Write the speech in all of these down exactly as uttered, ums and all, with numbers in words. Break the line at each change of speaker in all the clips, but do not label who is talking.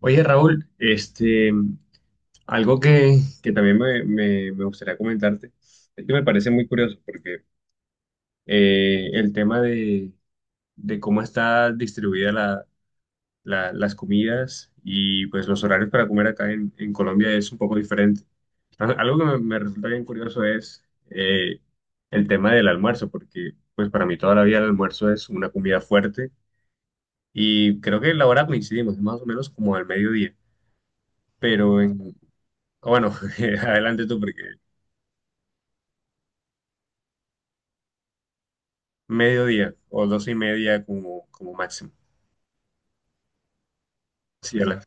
Oye, Raúl, este, algo que, que también me, me- me gustaría comentarte, es que me parece muy curioso porque eh, el tema de, de cómo está distribuida la- la- las comidas y pues los horarios para comer acá en, en Colombia es un poco diferente. Al- Algo que me, me resulta bien curioso es eh, el tema del almuerzo, porque pues para mí toda la vida el almuerzo es una comida fuerte y creo que la hora coincidimos, es más o menos como al mediodía, pero en, bueno, adelante tú, porque mediodía o doce y media como, como máximo. Sí, a la-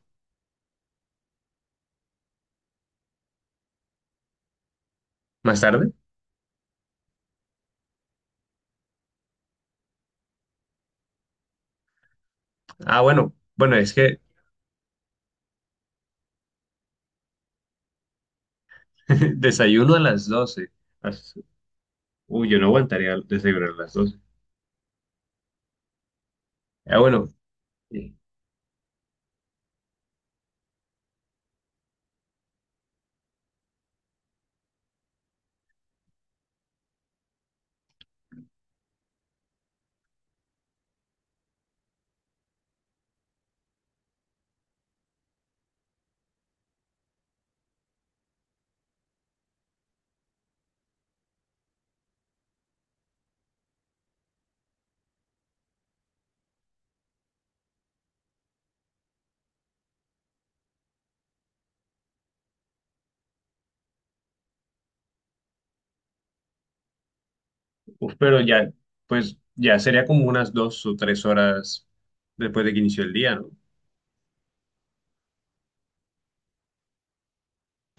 ¿más tarde? Ah, bueno, bueno, es que desayuno a las doce. As- Uy, yo no aguantaría desayunar a las doce. Ah, bueno, eh, uf, pero ya, pues ya sería como unas dos o tres horas después de que inició el día, ¿no?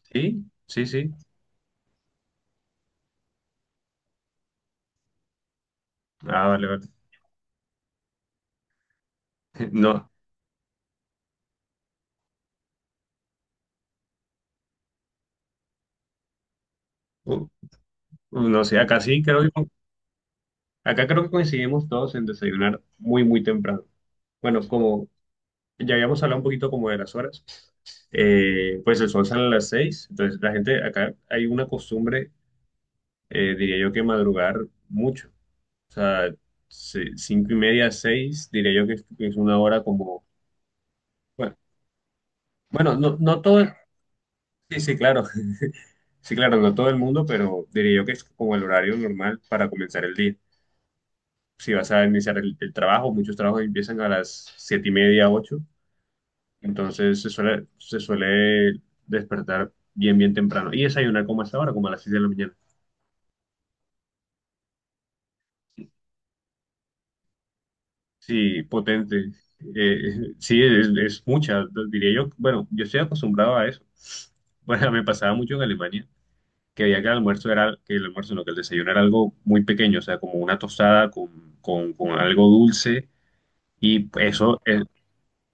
Sí, sí, sí. Ah, vale, vale. No, u- no sé, acá sí creo que, acá creo que coincidimos todos en desayunar muy, muy temprano. Bueno, como ya habíamos hablado un poquito como de las horas. Eh, pues el sol sale a las seis, entonces la gente acá hay una costumbre, eh, diría yo, que madrugar mucho. O sea, se- cinco y media, seis, diría yo que es, que es una hora como, bueno, bueno, no, no todo, sí, sí, claro, sí, claro, no todo el mundo, pero diría yo que es como el horario normal para comenzar el día. Si vas a iniciar el, el trabajo, muchos trabajos empiezan a las siete y media, ocho. Entonces se suele, se suele despertar bien, bien temprano. Y desayunar como a esta hora, como a las seis de la mañana. Sí, potente. Eh, sí, es, es mucha, diría yo. Bueno, yo estoy acostumbrado a eso. Bueno, me pasaba mucho en Alemania, que había que el almuerzo era, que el almuerzo, no, que el desayuno era algo muy pequeño, o sea, como una tostada con, con, con algo dulce. Y eso, eh,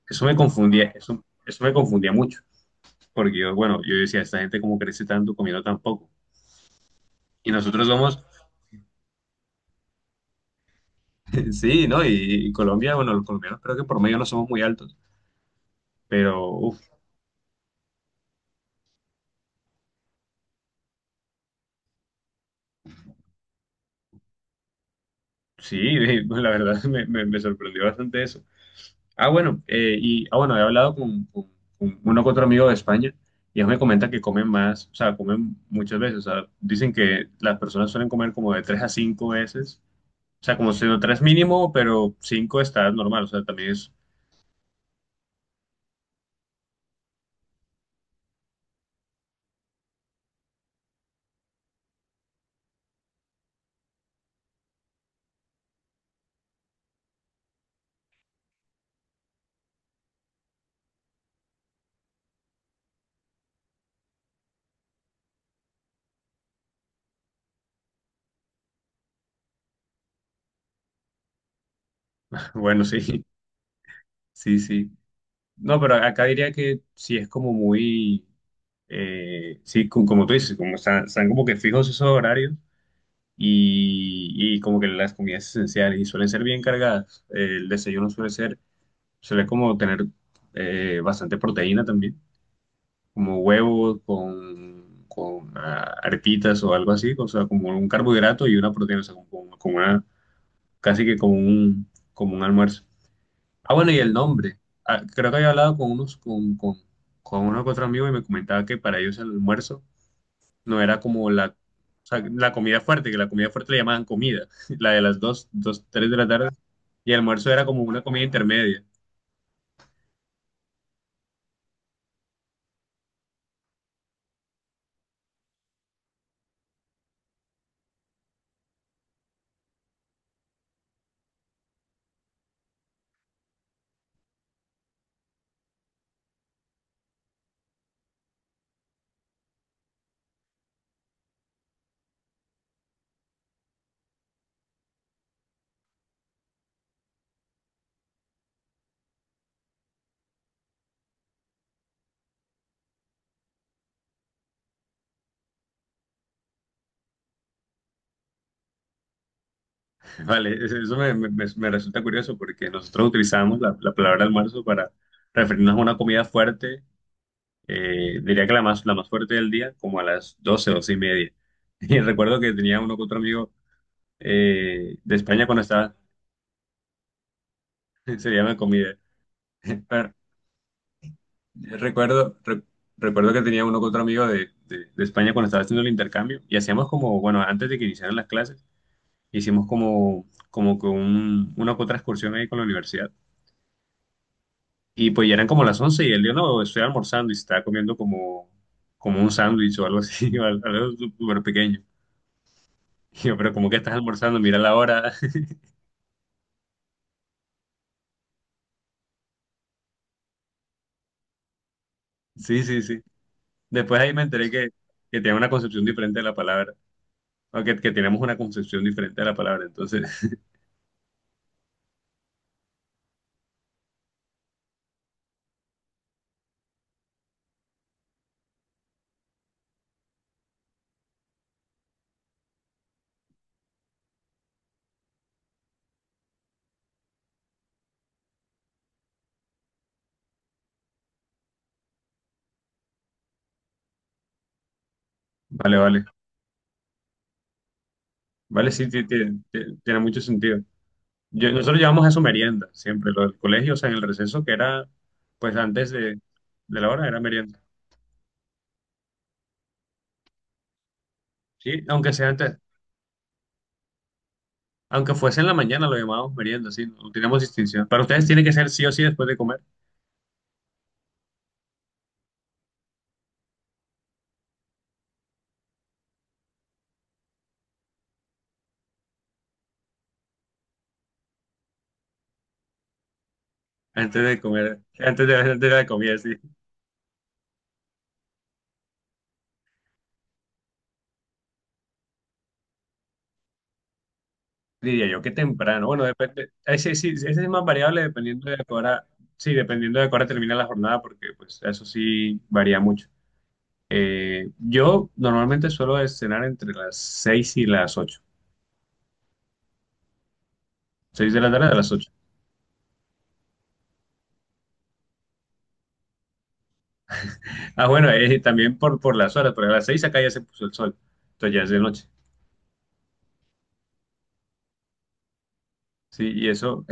eso me confundía, eso, eso me confundía mucho. Porque yo, bueno, yo decía, esta gente como crece tanto comiendo tan poco. Y nosotros somos sí, ¿no? Y, y Colombia, bueno, los colombianos creo que por medio no somos muy altos, pero uf, sí, la verdad me, me- me sorprendió bastante eso. Ah, bueno, eh, y ah, bueno, he hablado con, con- con uno que otro amigo de España y ellos me comentan que comen más, o sea, comen muchas veces, o sea, dicen que las personas suelen comer como de tres a cinco veces, o sea, como si no tres mínimo, pero cinco está normal, o sea, también es, bueno, sí, sí, sí. No, pero acá diría que sí es como muy. Eh, sí, co- como tú dices, como están, están como que fijos esos horarios y, y como que las comidas esenciales y suelen ser bien cargadas. Eh, el desayuno suele ser, suele como tener eh, bastante proteína también, como huevos con, con ah, arepitas o algo así, o sea, como un carbohidrato y una proteína, o sea, como, como- como una, casi que como un, como un almuerzo. Ah, bueno, y el nombre. Ah, creo que había hablado con unos, con, con, con uno que otro amigo y me comentaba que para ellos el almuerzo no era como la, o sea, la comida fuerte, que la comida fuerte le llamaban comida, la de las dos dos tres de la tarde, y el almuerzo era como una comida intermedia. Vale, es- eso me, me- me- me resulta curioso porque nosotros utilizamos la, la palabra almuerzo para referirnos a una comida fuerte, eh, diría que la más, la más fuerte del día, como a las doce, doce y media. Y recuerdo que tenía uno con otro amigo eh, de España cuando estaba, se llama comida. Recuerdo, re- recuerdo que tenía uno con otro amigo de, de- de España cuando estaba haciendo el intercambio y hacíamos como, bueno, antes de que iniciaran las clases, hicimos como, como que un, una que otra excursión ahí con la universidad. Y pues ya eran como las once y él dijo, no, estoy almorzando y se estaba comiendo como, como un sándwich o algo así, o algo algo súper pequeño. Y yo, pero ¿como que estás almorzando? Mira la hora. Sí, sí, sí. Después ahí me enteré que, que tenía una concepción diferente de la palabra, o que, que tenemos una concepción diferente de la palabra. Entonces, vale, vale. Vale, sí, ti- ti- ti- tiene mucho sentido. Yo- nosotros llevamos eso merienda siempre, lo del colegio, o sea, en el receso que era, pues antes de, de la hora era merienda. Sí, aunque sea antes, aunque fuese en la mañana lo llamábamos merienda, sí, no tenemos distinción. Para ustedes tiene que ser sí o sí después de comer, antes de comer, antes de, antes de la comida, sí. Diría yo que temprano, bueno, depende, ese sí, ese es más variable dependiendo de a qué hora, sí, dependiendo de a qué hora termina la jornada, porque pues eso sí varía mucho. Eh, yo normalmente suelo cenar entre las seis y las ocho. Seis de la tarde a las ocho. Ah, bueno, eh, también por, por las horas, porque a las seis acá ya se puso el sol. Entonces ya es de noche. Sí, y eso.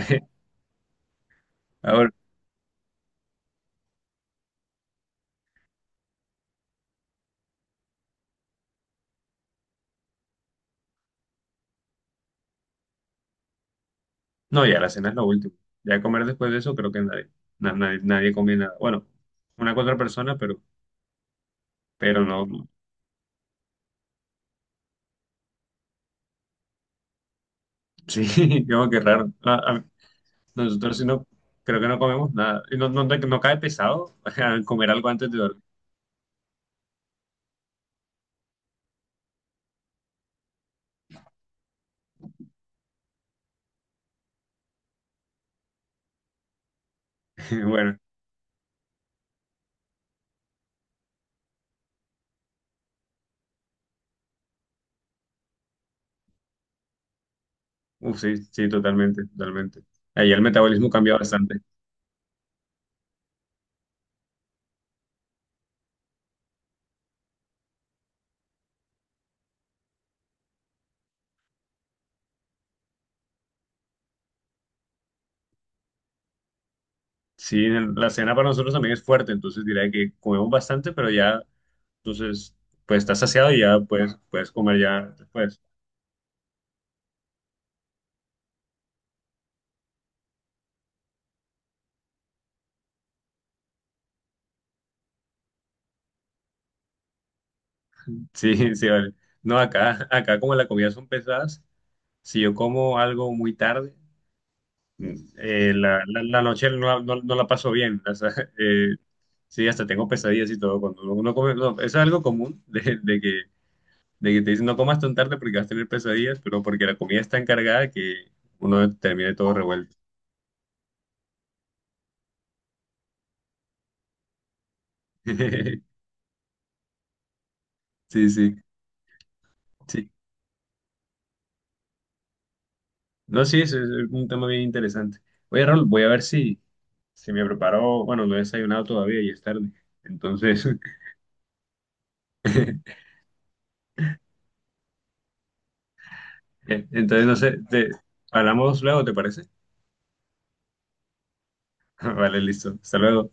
Ahora, no, ya la cena es lo último. Ya comer después de eso, creo que nadie, na- nadie, nadie come nada. Bueno, una que otra persona, pero, pero no. No. Sí, como que raro. A- a- nosotros sí no, creo que no comemos nada. Y no, no, no cae pesado comer algo antes de dormir. Bueno. Uf, sí, sí, totalmente, totalmente. Ahí el metabolismo cambia bastante. Sí, el- la cena para nosotros también es fuerte, entonces diría que comemos bastante, pero ya, entonces, pues estás saciado y ya puedes, puedes comer ya después. Sí, sí, vale. No, acá, acá como las comidas son pesadas, si yo como algo muy tarde, mm, eh, la, la, la noche no, la no- no la paso bien. O sea, eh, sí, hasta tengo pesadillas y todo. Cuando uno come, no, es algo común de, de que de que te dicen no comas tan tarde porque vas a tener pesadillas, pero porque la comida está encargada que uno termine todo revuelto. Sí, sí, sí. No, sí, es, es un tema bien interesante. Oye, Raúl, voy a ver si, si me preparo, bueno, no he desayunado todavía y es tarde. Entonces, entonces no sé, te, hablamos luego, ¿te parece? Vale, listo. Hasta luego.